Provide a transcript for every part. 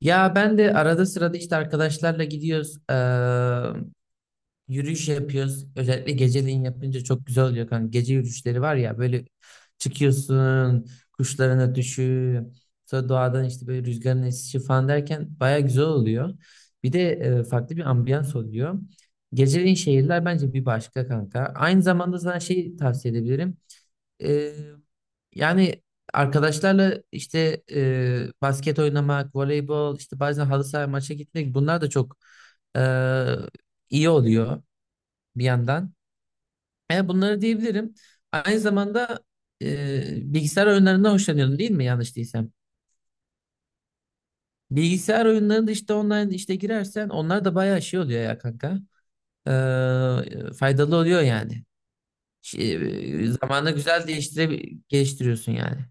Ya ben de arada sırada işte arkadaşlarla gidiyoruz. Yürüyüş yapıyoruz. Özellikle geceleyin yapınca çok güzel oluyor kanka. Gece yürüyüşleri var ya böyle çıkıyorsun, kuşların ötüşü, sonra doğadan işte böyle rüzgarın esişi falan derken baya güzel oluyor. Bir de farklı bir ambiyans oluyor. Geceleyin şehirler bence bir başka kanka. Aynı zamanda sana şey tavsiye edebilirim. Ee, yani arkadaşlarla işte basket oynamak, voleybol, işte bazen halı saha maça gitmek bunlar da çok e, iyi oluyor bir yandan. Bunları diyebilirim. Aynı zamanda bilgisayar oyunlarından hoşlanıyorum değil mi yanlış değilsem? Bilgisayar oyunlarında işte online işte girersen onlar da bayağı şey oluyor ya kanka. Faydalı oluyor yani. Şey, zamanda güzel değiştire geliştiriyorsun yani.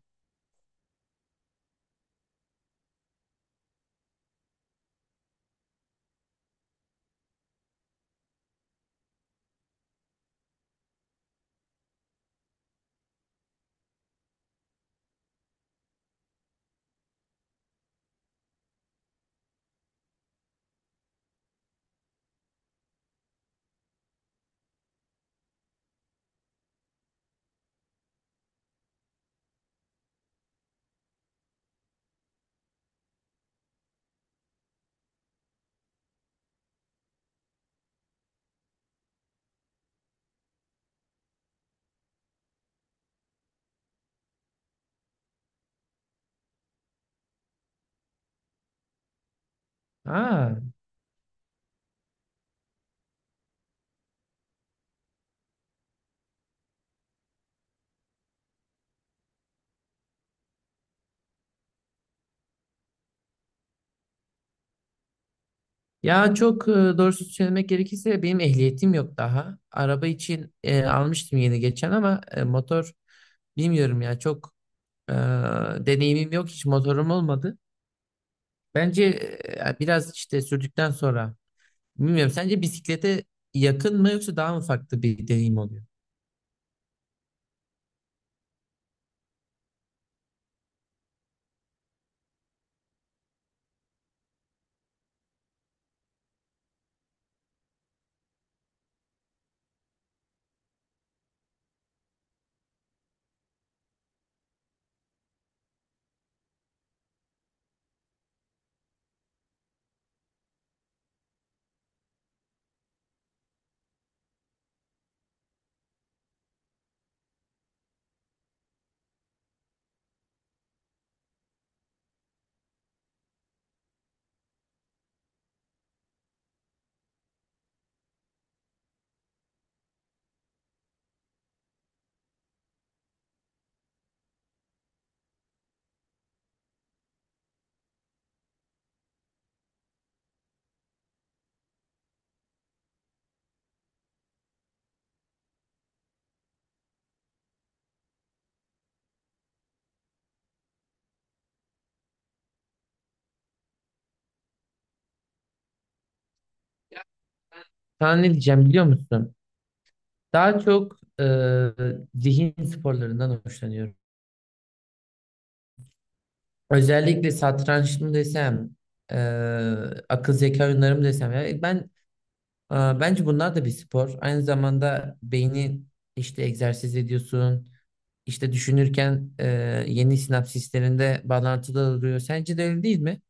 Ha. Ya çok doğrusu söylemek gerekirse benim ehliyetim yok daha. Araba için almıştım yeni geçen ama motor bilmiyorum ya çok e, deneyimim yok hiç motorum olmadı. Bence biraz işte sürdükten sonra bilmiyorum sence bisiklete yakın mı yoksa daha mı farklı bir deneyim oluyor? Sana ne diyeceğim biliyor musun? Daha çok zihin sporlarından hoşlanıyorum. Özellikle satranç mı desem, e, akıl zeka oyunları mı desem. Ya ben e, bence bunlar da bir spor. Aynı zamanda beyni işte egzersiz ediyorsun. İşte düşünürken yeni sinapsislerinde bağlantıda oluyor. Sence de öyle değil mi?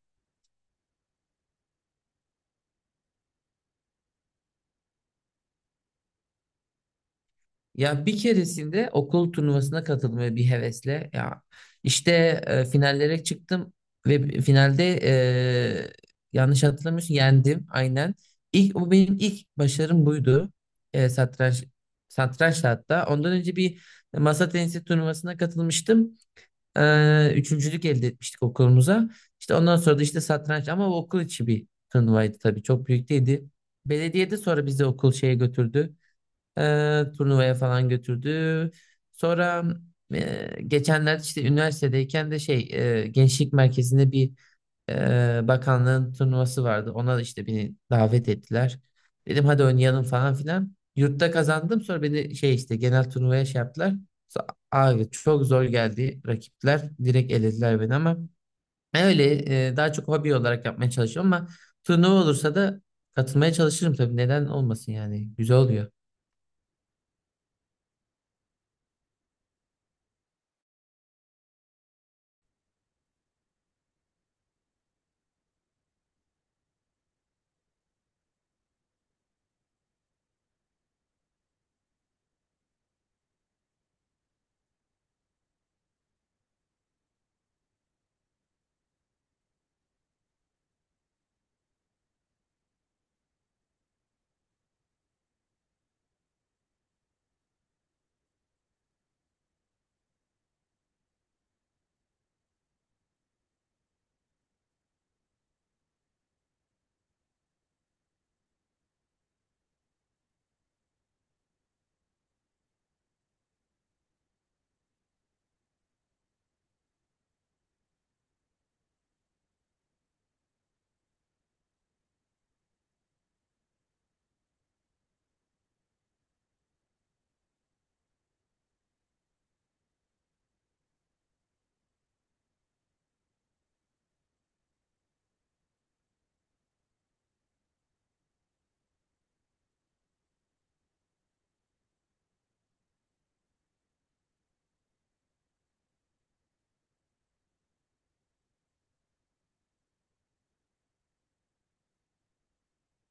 Ya bir keresinde okul turnuvasına katılmaya bir hevesle ya işte finallere çıktım ve finalde yanlış hatırlamıyorsun yendim aynen. İlk o benim ilk başarım buydu. E, satranç satrançta hatta. Ondan önce bir masa tenisi turnuvasına katılmıştım. Üçüncülük elde etmiştik okulumuza. İşte ondan sonra da işte satranç ama o okul içi bir turnuvaydı tabii. Çok büyük değildi. Belediyede sonra bizi okul şeye götürdü. Turnuvaya falan götürdü. Sonra geçenlerde işte üniversitedeyken de şey gençlik merkezinde bir bakanlığın turnuvası vardı. Ona da işte beni davet ettiler. Dedim hadi oynayalım falan filan. Yurtta kazandım sonra beni şey işte genel turnuvaya şey yaptılar. Abi çok zor geldi rakipler. Direkt elediler beni ama ben öyle daha çok hobi olarak yapmaya çalışıyorum ama turnuva olursa da katılmaya çalışırım tabii. Neden olmasın yani. Güzel oluyor.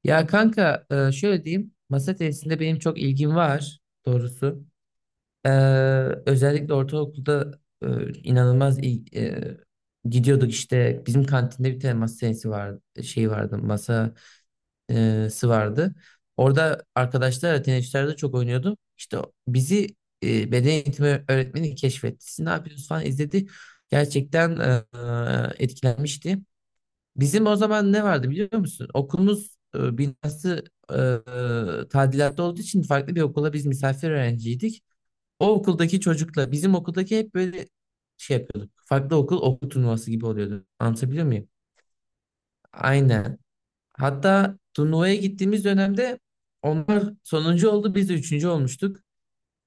Ya kanka şöyle diyeyim. Masa tenisinde benim çok ilgim var doğrusu. Ee, Özellikle ortaokulda inanılmaz gidiyorduk işte bizim kantinde bir tane masa tenisi vardı şey vardı masası vardı. Orada arkadaşlarla tenisçilerde çok oynuyordum. İşte bizi beden eğitimi öğretmeni keşfetti. Siz ne yapıyorsunuz falan izledi. Gerçekten etkilenmişti. Bizim o zaman ne vardı biliyor musun? Okulumuz binası tadilatta olduğu için farklı bir okula biz misafir öğrenciydik. O okuldaki çocukla bizim okuldaki hep böyle şey yapıyorduk. Farklı okul okul turnuvası gibi oluyordu. Anlatabiliyor muyum? Aynen. Hatta turnuvaya gittiğimiz dönemde onlar sonuncu oldu biz de üçüncü olmuştuk.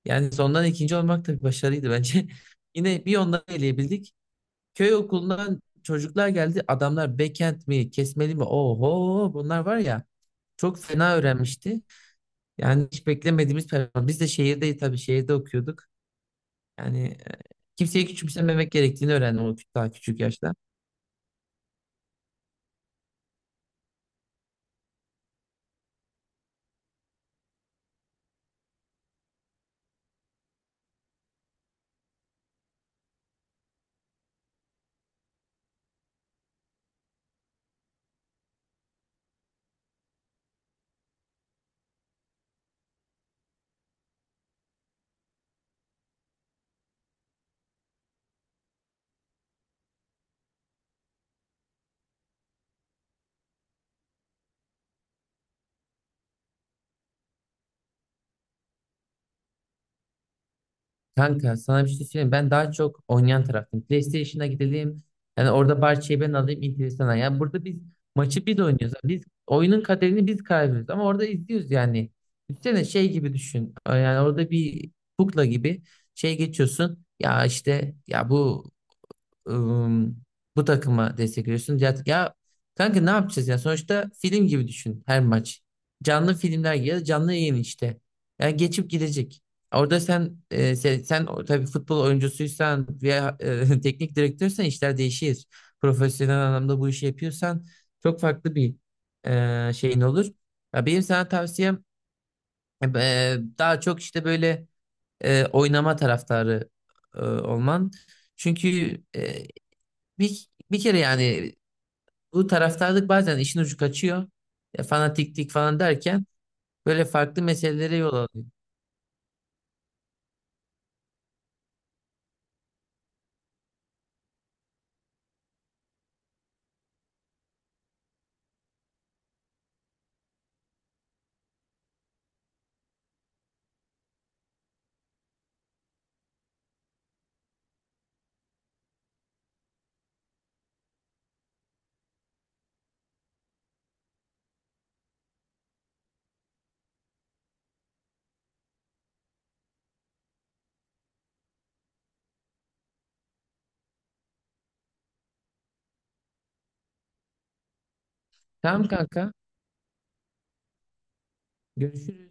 Yani sondan ikinci olmak da bir başarıydı bence. Yine bir onları eleyebildik. Köy okulundan çocuklar geldi. Adamlar backend mi, kesmeli mi? Oho bunlar var ya çok fena öğrenmişti. Yani hiç beklemediğimiz performans. Biz de şehirdeyiz tabii şehirde okuyorduk. Yani kimseyi küçümsememek gerektiğini öğrendim daha küçük yaşta. Kanka sana bir şey söyleyeyim. Ben daha çok oynayan taraftım. PlayStation'a gidelim. Yani orada parçayı ben alayım enteresan. Ya burada biz maçı biz oynuyoruz. Yani biz oyunun kaderini biz karar veriyoruz. Ama orada izliyoruz yani. Üstüne şey gibi düşün. Yani orada bir kukla gibi şey geçiyorsun. Ya işte ya bu ım, bu takıma destek veriyorsun. Ya, ya kanka ne yapacağız ya? Sonuçta film gibi düşün her maç. Canlı filmler gibi ya da canlı yayın işte. Yani geçip gidecek. Orada sen e, sen, sen o- tabii futbol oyuncusuysan veya teknik direktörsen işler değişir. Profesyonel anlamda bu işi yapıyorsan çok farklı bir şeyin olur. Ya benim sana tavsiyem daha çok işte böyle oynama taraftarı olman. Çünkü bir, bir kere yani bu taraftarlık bazen işin ucu kaçıyor. Fanatiklik falan derken böyle farklı meselelere yol alıyor. Tamam kanka. Görüşürüz.